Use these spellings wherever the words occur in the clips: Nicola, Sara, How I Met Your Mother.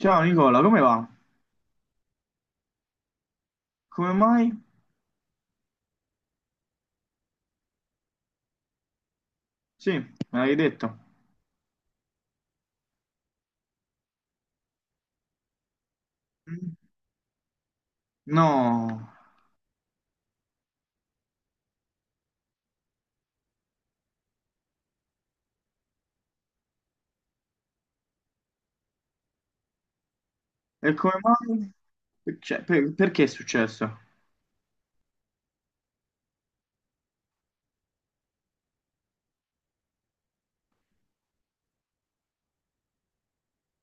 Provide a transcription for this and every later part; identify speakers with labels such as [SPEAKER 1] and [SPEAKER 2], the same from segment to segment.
[SPEAKER 1] Ciao Nicola, come va? Come mai? Sì, me l'hai detto. Mm. No, e come mai? Cioè, perché è successo?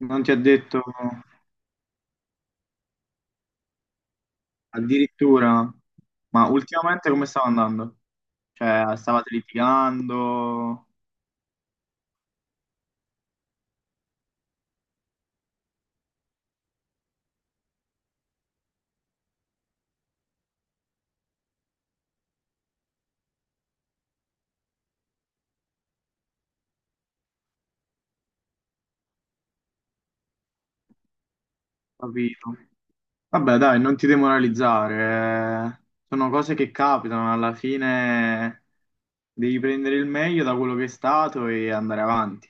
[SPEAKER 1] Non ti ha detto addirittura, ma ultimamente come stava andando? Cioè, stavate litigando, capito? Vabbè, dai, non ti demoralizzare. Eh. Sono cose che capitano, alla fine devi prendere il meglio da quello che è stato e andare avanti.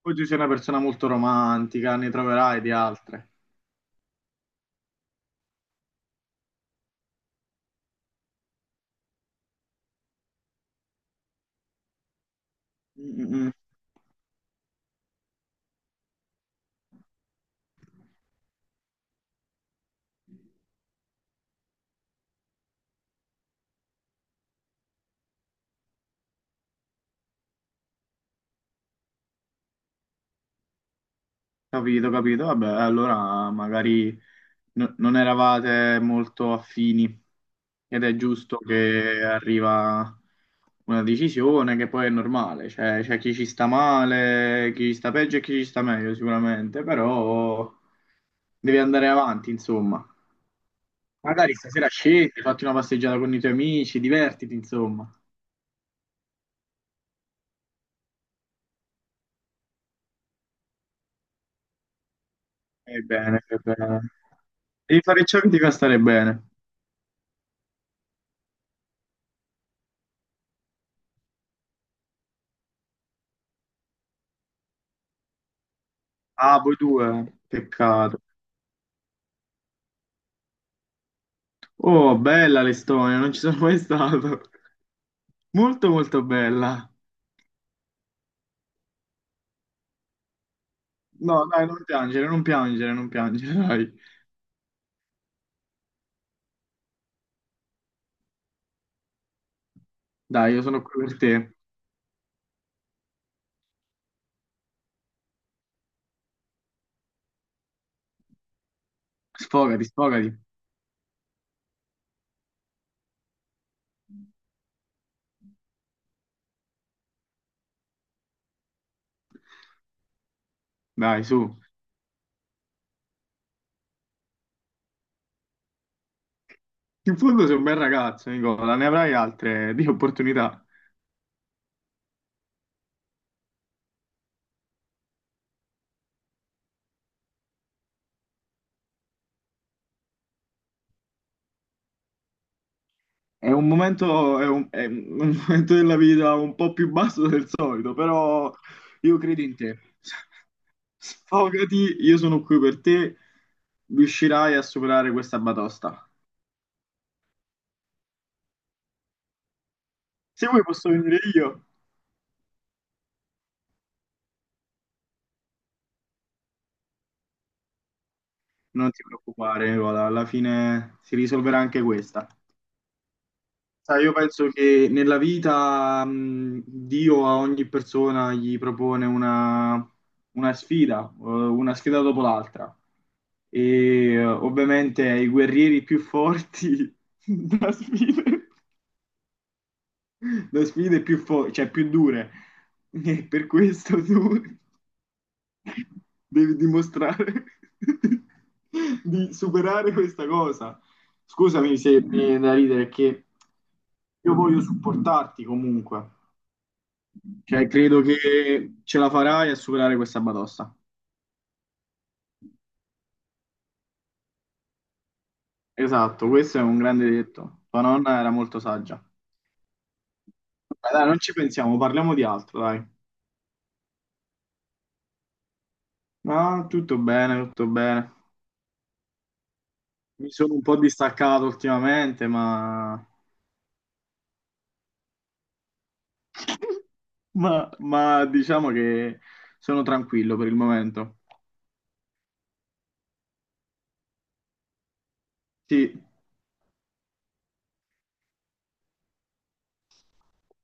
[SPEAKER 1] Poi tu sei una persona molto romantica, ne troverai di altre. Mm, mm, capito, capito. Vabbè, allora magari non eravate molto affini ed è giusto che arriva una decisione che poi è normale. Cioè, c'è chi ci sta male, chi ci sta peggio e chi ci sta meglio sicuramente, però devi andare avanti, insomma. Magari stasera scendi, fatti una passeggiata con i tuoi amici, divertiti, insomma. Stai bene, stai bene. Devi fare ciò che ti fa stare bene. Ah, voi due, peccato. Oh, bella l'Estonia, non ci sono mai stato. Molto, molto bella. No, dai, non piangere, non piangere, non piangere, dai. Dai, io sono qui per te. Sfogati, sfogati. Dai, su. In fondo sei un bel ragazzo, Nicola, ne avrai altre di opportunità. È un momento, è un momento della vita un po' più basso del solito, però io credo in te. Sfogati, io sono qui per te. Riuscirai a superare questa batosta. Se vuoi posso venire io. Non ti preoccupare, Nicola, alla fine si risolverà anche questa. Sai, io penso che nella vita, Dio a ogni persona gli propone una sfida, una sfida dopo l'altra. Ovviamente ai guerrieri più forti da sfidare. Da sfide più, cioè, più dure. E per questo tu devi dimostrare di superare questa cosa. Scusami se mi viene da ridere, che io voglio supportarti comunque. Cioè, credo che ce la farai a superare questa batosta. Esatto, questo è un grande detto. Tua nonna era molto saggia. Dai, dai, non ci pensiamo, parliamo di altro, dai. No, tutto bene, tutto bene. Mi sono un po' distaccato ultimamente, ma... ma diciamo che sono tranquillo per il momento. Sì,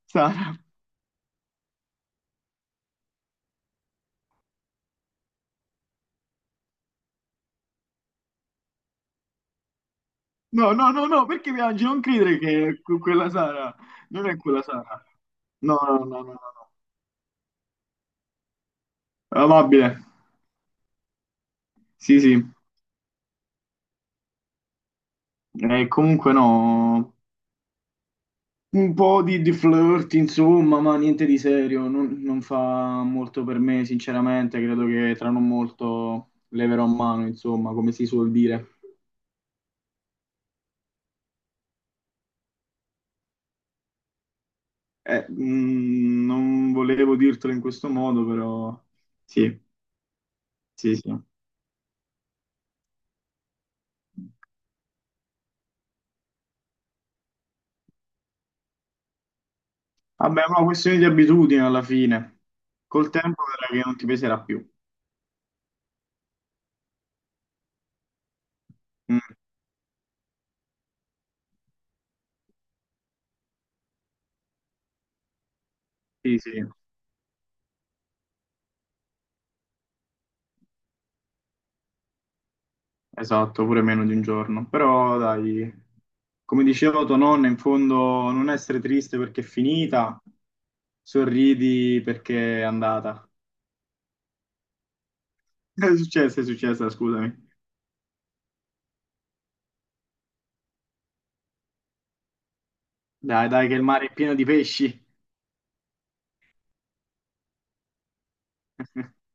[SPEAKER 1] Sara. No, no, no, no, perché piangi? Non credere che è quella Sara, non è quella Sara. No, no, no, no, no. No. Amabile. Sì, sì. Comunque no. Un po' di flirt, insomma, ma niente di serio, non fa molto per me, sinceramente, credo che tra non molto leverò mano, insomma, come si suol dire. Non volevo dirtelo in questo modo, però sì, sì, sì. Vabbè, ma questione di abitudine alla fine. Col tempo vedrai che non ti peserà più. Mm, sì, sì. Esatto, pure meno di un giorno. Però dai, come diceva tua nonna, in fondo non essere triste perché è finita, sorridi perché è andata. È successa, scusami. Dai, dai, che il mare è pieno di pesci.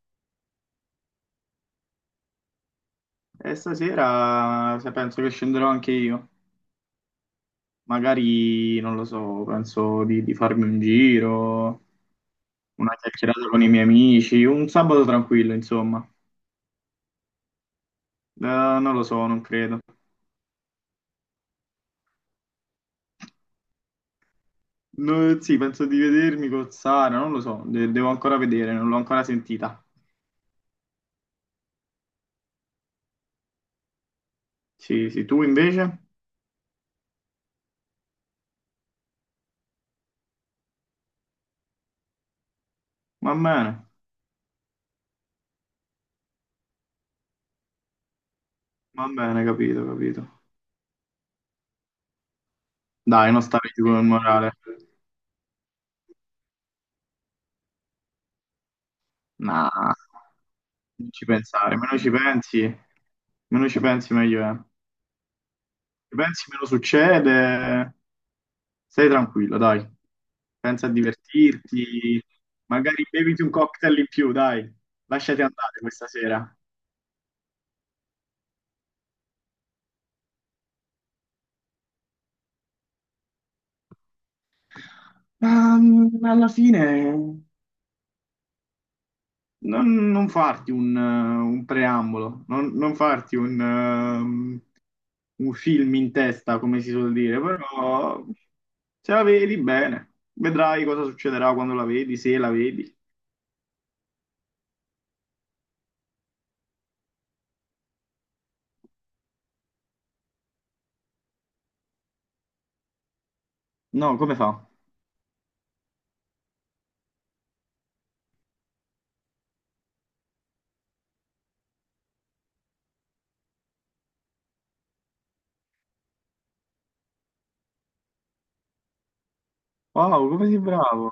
[SPEAKER 1] E stasera se penso che scenderò anche io. Magari, non lo so, penso di farmi un giro, una chiacchierata con i miei amici, un sabato tranquillo, insomma. Non lo so, non credo. No, sì, penso di vedermi con Sara, non lo so, devo ancora vedere, non l'ho ancora sentita. Sì, sì, tu invece? Va bene, va bene, capito, capito. Dai, non stare giù con il morale. No, non ci pensare, meno ci pensi meglio è. Ci pensi, meno succede, stai tranquillo, dai. Pensa a divertirti, magari beviti un cocktail in più, dai. Lasciati andare questa sera. Alla fine... non farti un preambolo, non farti un film in testa, come si suol dire, però se la vedi bene, vedrai cosa succederà quando la vedi, se la vedi. No, come fa? Wow, come sei bravo!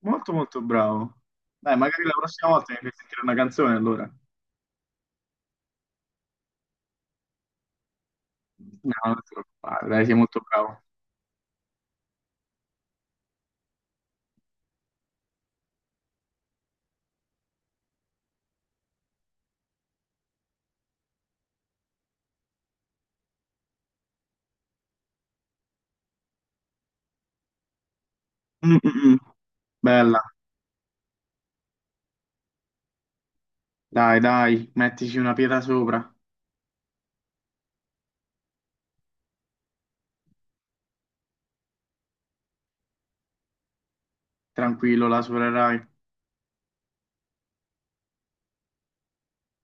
[SPEAKER 1] Molto molto bravo. Dai, magari la prossima volta mi fai sentire una canzone allora. No, non ti preoccupare, dai, sei molto bravo. Mm, mm, mm. Bella, dai, dai, mettici una pietra sopra, tranquillo, la supererai.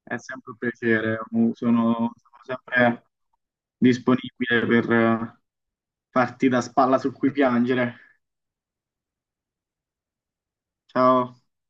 [SPEAKER 1] È sempre un piacere, sono sempre disponibile per farti da spalla su cui piangere. Ciao.